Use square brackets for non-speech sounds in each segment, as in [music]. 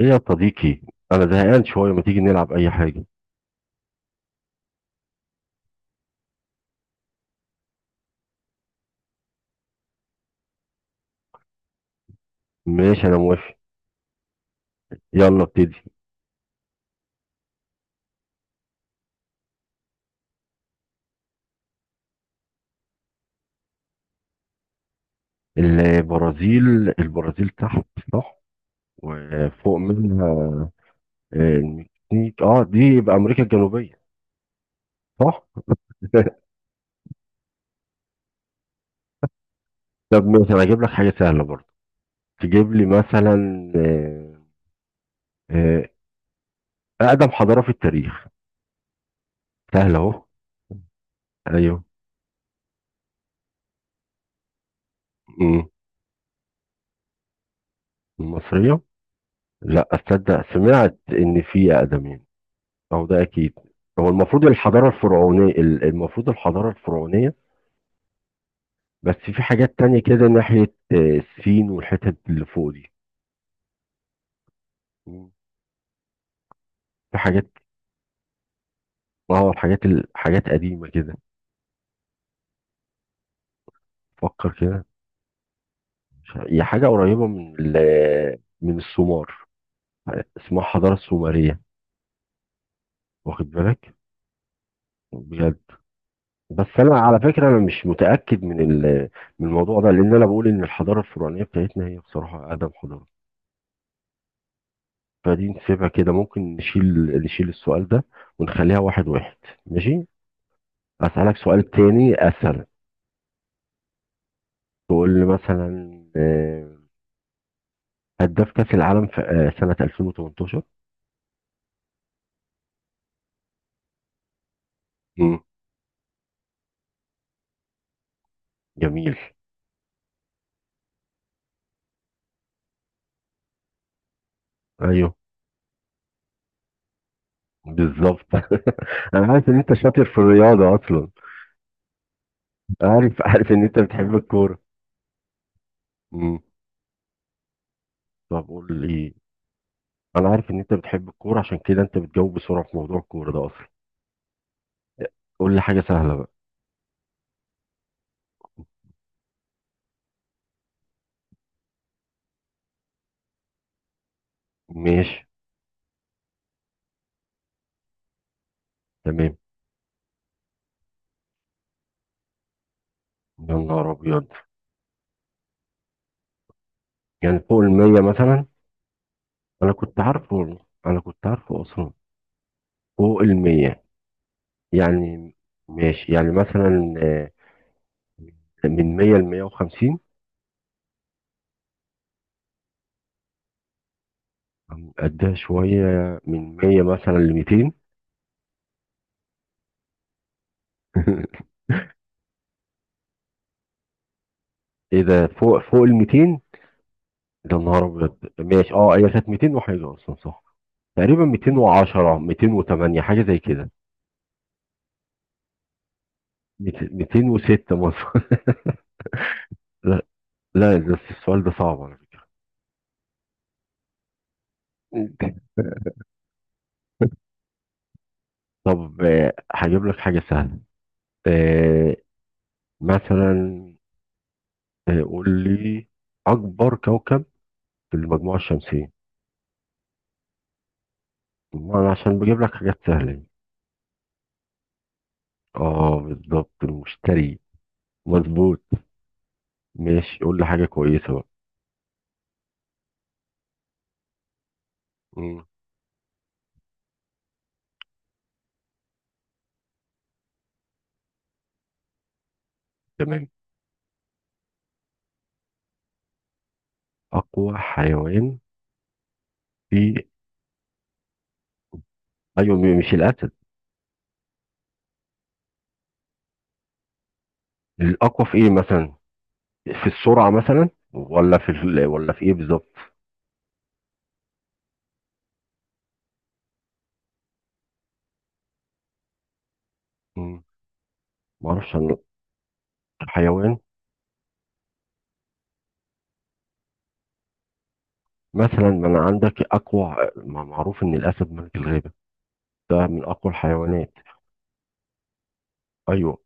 ايه يا صديقي؟ انا زهقان شويه، ما تيجي نلعب اي حاجه؟ ماشي، انا موافق. يلا ابتدي. البرازيل البرازيل تحت، صح، وفوق منها. المكسيك دي يبقى امريكا الجنوبيه، صح. [laughs] طب ماشي، انا هجيب لك حاجه سهله برضه. تجيب لي مثلا. آه، آه، اقدم حضاره في التاريخ، سهله اهو. ايوه. أمم. المصريه. لا اصدق، سمعت ان في اقدم يعني. أو ده أكيد. هو المفروض الحضارة الفرعونية المفروض الحضارة الفرعونية. بس في حاجات تانية كده ناحية الصين والحتت اللي فوق دي. مم. في حاجات اه حاجات ال- حاجات قديمة كده. فكر كده. مش عارف، هي حاجة قريبة من السومار. اسمها الحضارة السومرية، واخد بالك؟ بجد. بس أنا على فكرة، أنا مش متأكد من الموضوع ده، لأن أنا بقول إن الحضارة الفرعونية بتاعتنا هي بصراحة أقدم حضارة. فدي نسيبها كده، ممكن نشيل السؤال ده، ونخليها واحد واحد. ماشي. أسألك سؤال تاني أسهل. تقول لي مثلا هداف كأس العالم في سنة 2018. مم. جميل. ايوه، بالظبط. [laughs] انا عارف ان انت شاطر في الرياضه اصلا. عارف ان انت بتحب الكوره. مم. طب قول لي إيه؟ انا عارف ان انت بتحب الكوره، عشان كده انت بتجاوب بسرعه في موضوع الكوره ده اصلا. قول لي حاجه سهله بقى. ماشي، تمام. يا نهار ابيض! يعني فوق المية مثلا؟ انا كنت عارفه والله، انا كنت عارفه اصلا. فوق المية. يعني ماشي، يعني مثلا من مية لمية وخمسين. قدها شوية. من مية مثلا لميتين. [laughs] ايه ده، فوق الميتين؟ ده نهار ابيض، ماشي. اه، هي كانت ميتين وحاجة اصلا، صح. تقريبا 210، 208 حاجة زي كده. 206 مثلا. [laughs] لا، لا، بس السؤال ده صعب على فكرة. [laughs] طب، هجيب لك حاجة سهلة. آه، مثلا. قول لي أكبر كوكب في المجموعة الشمسية. ما أنا عشان بجيب لك حاجات سهلة يعني. آه، بالظبط، المشتري. مظبوط. ماشي، قول لي حاجة كويسة بقى. مم. تمام. أقوى حيوان في. أيوة، مش الأسد. الأقوى في إيه مثلا؟ في السرعة مثلا ولا في إيه بالظبط؟ مم. معرفش أنا. حيوان. مثلا ما أنا عندك أقوى، ما معروف إن الأسد ملك الغابة، ده من أقوى الحيوانات. أيوة،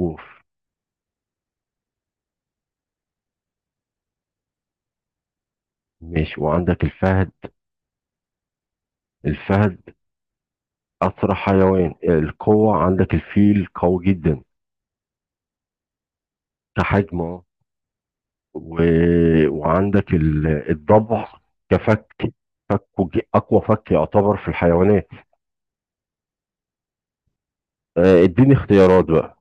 أوف. ماشي، وعندك الفهد. الفهد أسرع حيوان. القوة عندك الفيل قوي جدا، كحجم و... وعندك الضبع، كفك. فكه أقوى فك يعتبر في الحيوانات. اديني اختيارات بقى.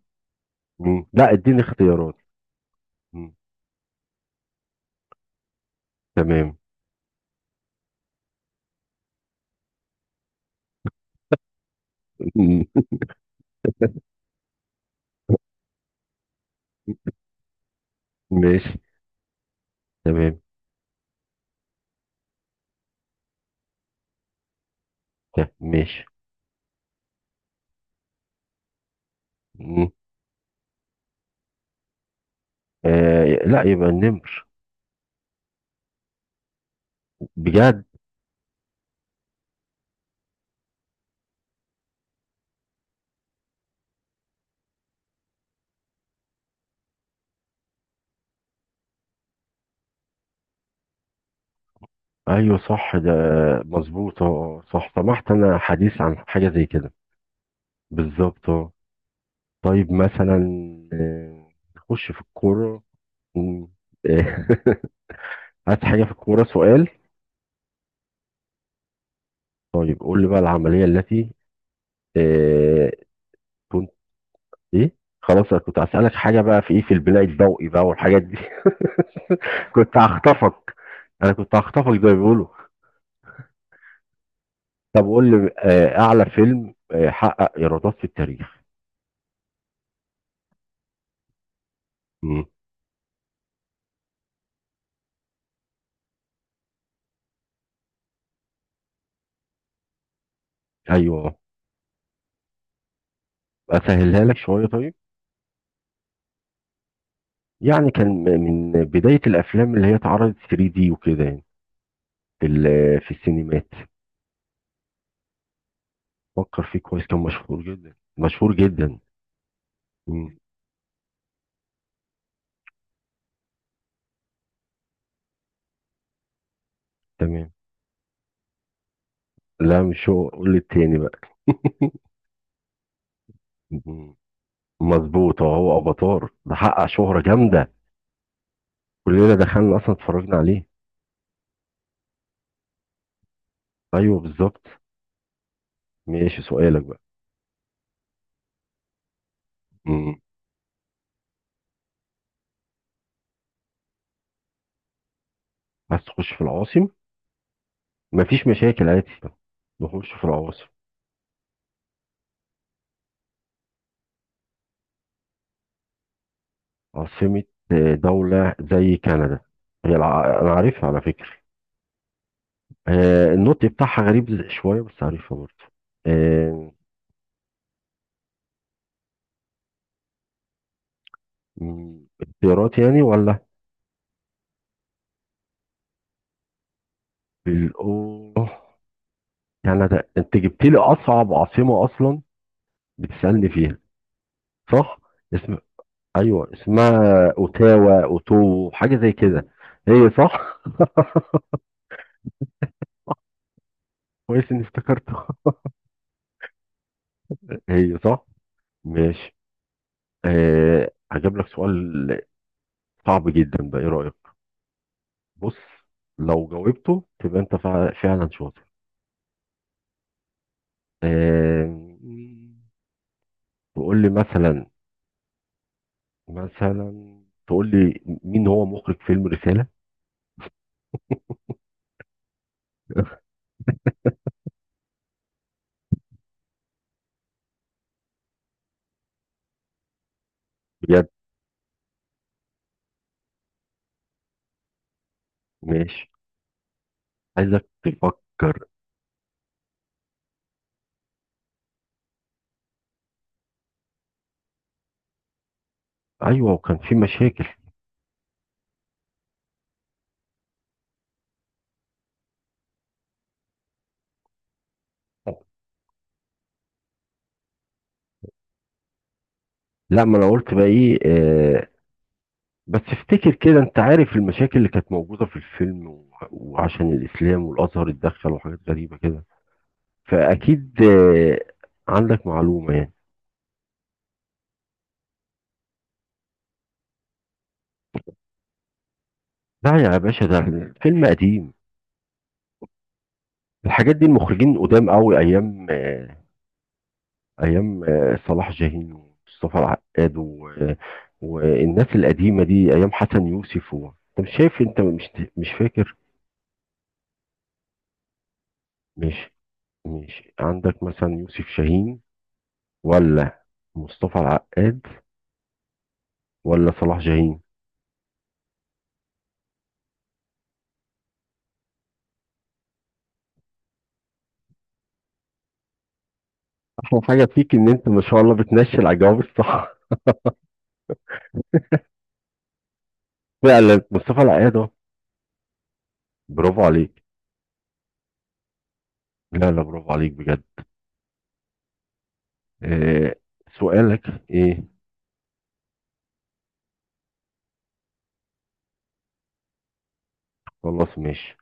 مم. لا، اديني اختيارات. مم. تمام. مم. ماشي، تمام. ماشي. مم. آه، لا، يبقى النمر. بجد. ايوه صح، ده مظبوط، صح، سمحت انا حديث عن حاجه زي كده. بالظبط، طيب مثلا. آه، نخش في الكورة. مم. آه، [laughs] عايز حاجة في الكورة، سؤال. طيب قول لي بقى العملية التي آه، كنت، ايه؟ خلاص، انا كنت هسألك حاجة بقى في ايه، في البناء الضوئي بقى والحاجات دي. [laughs] كنت هخطفك. انا كنت هخطفك زي ما بيقولوا. طب قول لي اعلى فيلم حقق ايرادات في التاريخ. مم. ايوه. اسهلها لك شوية طيب. يعني كان من بداية الافلام اللي هي اتعرضت 3D وكده، يعني في السينمات. فكر فيه كويس، كان مشهور جدا، مشهور جدا. مم. تمام. لا، مش هو، قول التاني بقى. [laughs] مم. مظبوط. هو افاتار، ده حقق شهرة جامدة. كلنا دخلنا اصلا اتفرجنا عليه. ايوه، بالظبط. ماشي، سؤالك بقى. مم. عايز تخش في العواصم. مفيش مشاكل، عادي. نخش في العواصم. عاصمة دولة زي كندا. هي انا عارفها على فكرة. النطق بتاعها غريب شوية، بس عارفها برضه. آه، اختيارات يعني ولا؟ بالأوه. كندا، أنت جبت لي أصعب عاصمة أصلا بتسألني فيها، صح؟ اسم. أيوه، اسمها أوتاوا، أوتو حاجة زي كده. هي صح؟ [laughs] كويس إني افتكرتها. [laughs] هي صح؟ ماشي. هجيب لك سؤال صعب جدا ده، إيه رأيك؟ بص، لو جاوبته تبقى أنت فعلا شاطر. أه تقول لي مثلا، تقول لي مين هو مخرج فيلم رسالة؟ [laughs] بجد. ماشي. عايزك تفكر. ايوه، وكان في مشاكل. لا، ما انا قلت بقى ايه. آه، بس افتكر كده، انت عارف المشاكل اللي كانت موجوده في الفيلم و- وعشان الاسلام والازهر اتدخل وحاجات غريبه كده. فاكيد. عندك معلومه يعني. لا يا باشا، ده الفيلم قديم. الحاجات دي المخرجين قدام قوي، ايام ايام صلاح جاهين ومصطفى العقاد والناس القديمه دي، ايام حسن يوسف انت مش شايف، انت مش مش فاكر. ماشي، ماشي، عندك مثلا يوسف شاهين، ولا مصطفى العقاد، ولا صلاح جاهين. احلى حاجه فيك ان انت ما شاء الله بتنشي الاجوبه الصح. [laughs] فعلا، مصطفى العقاد اهو. برافو عليك. لا، لا، برافو عليك بجد. آه سؤالك ايه؟ خلاص ماشي.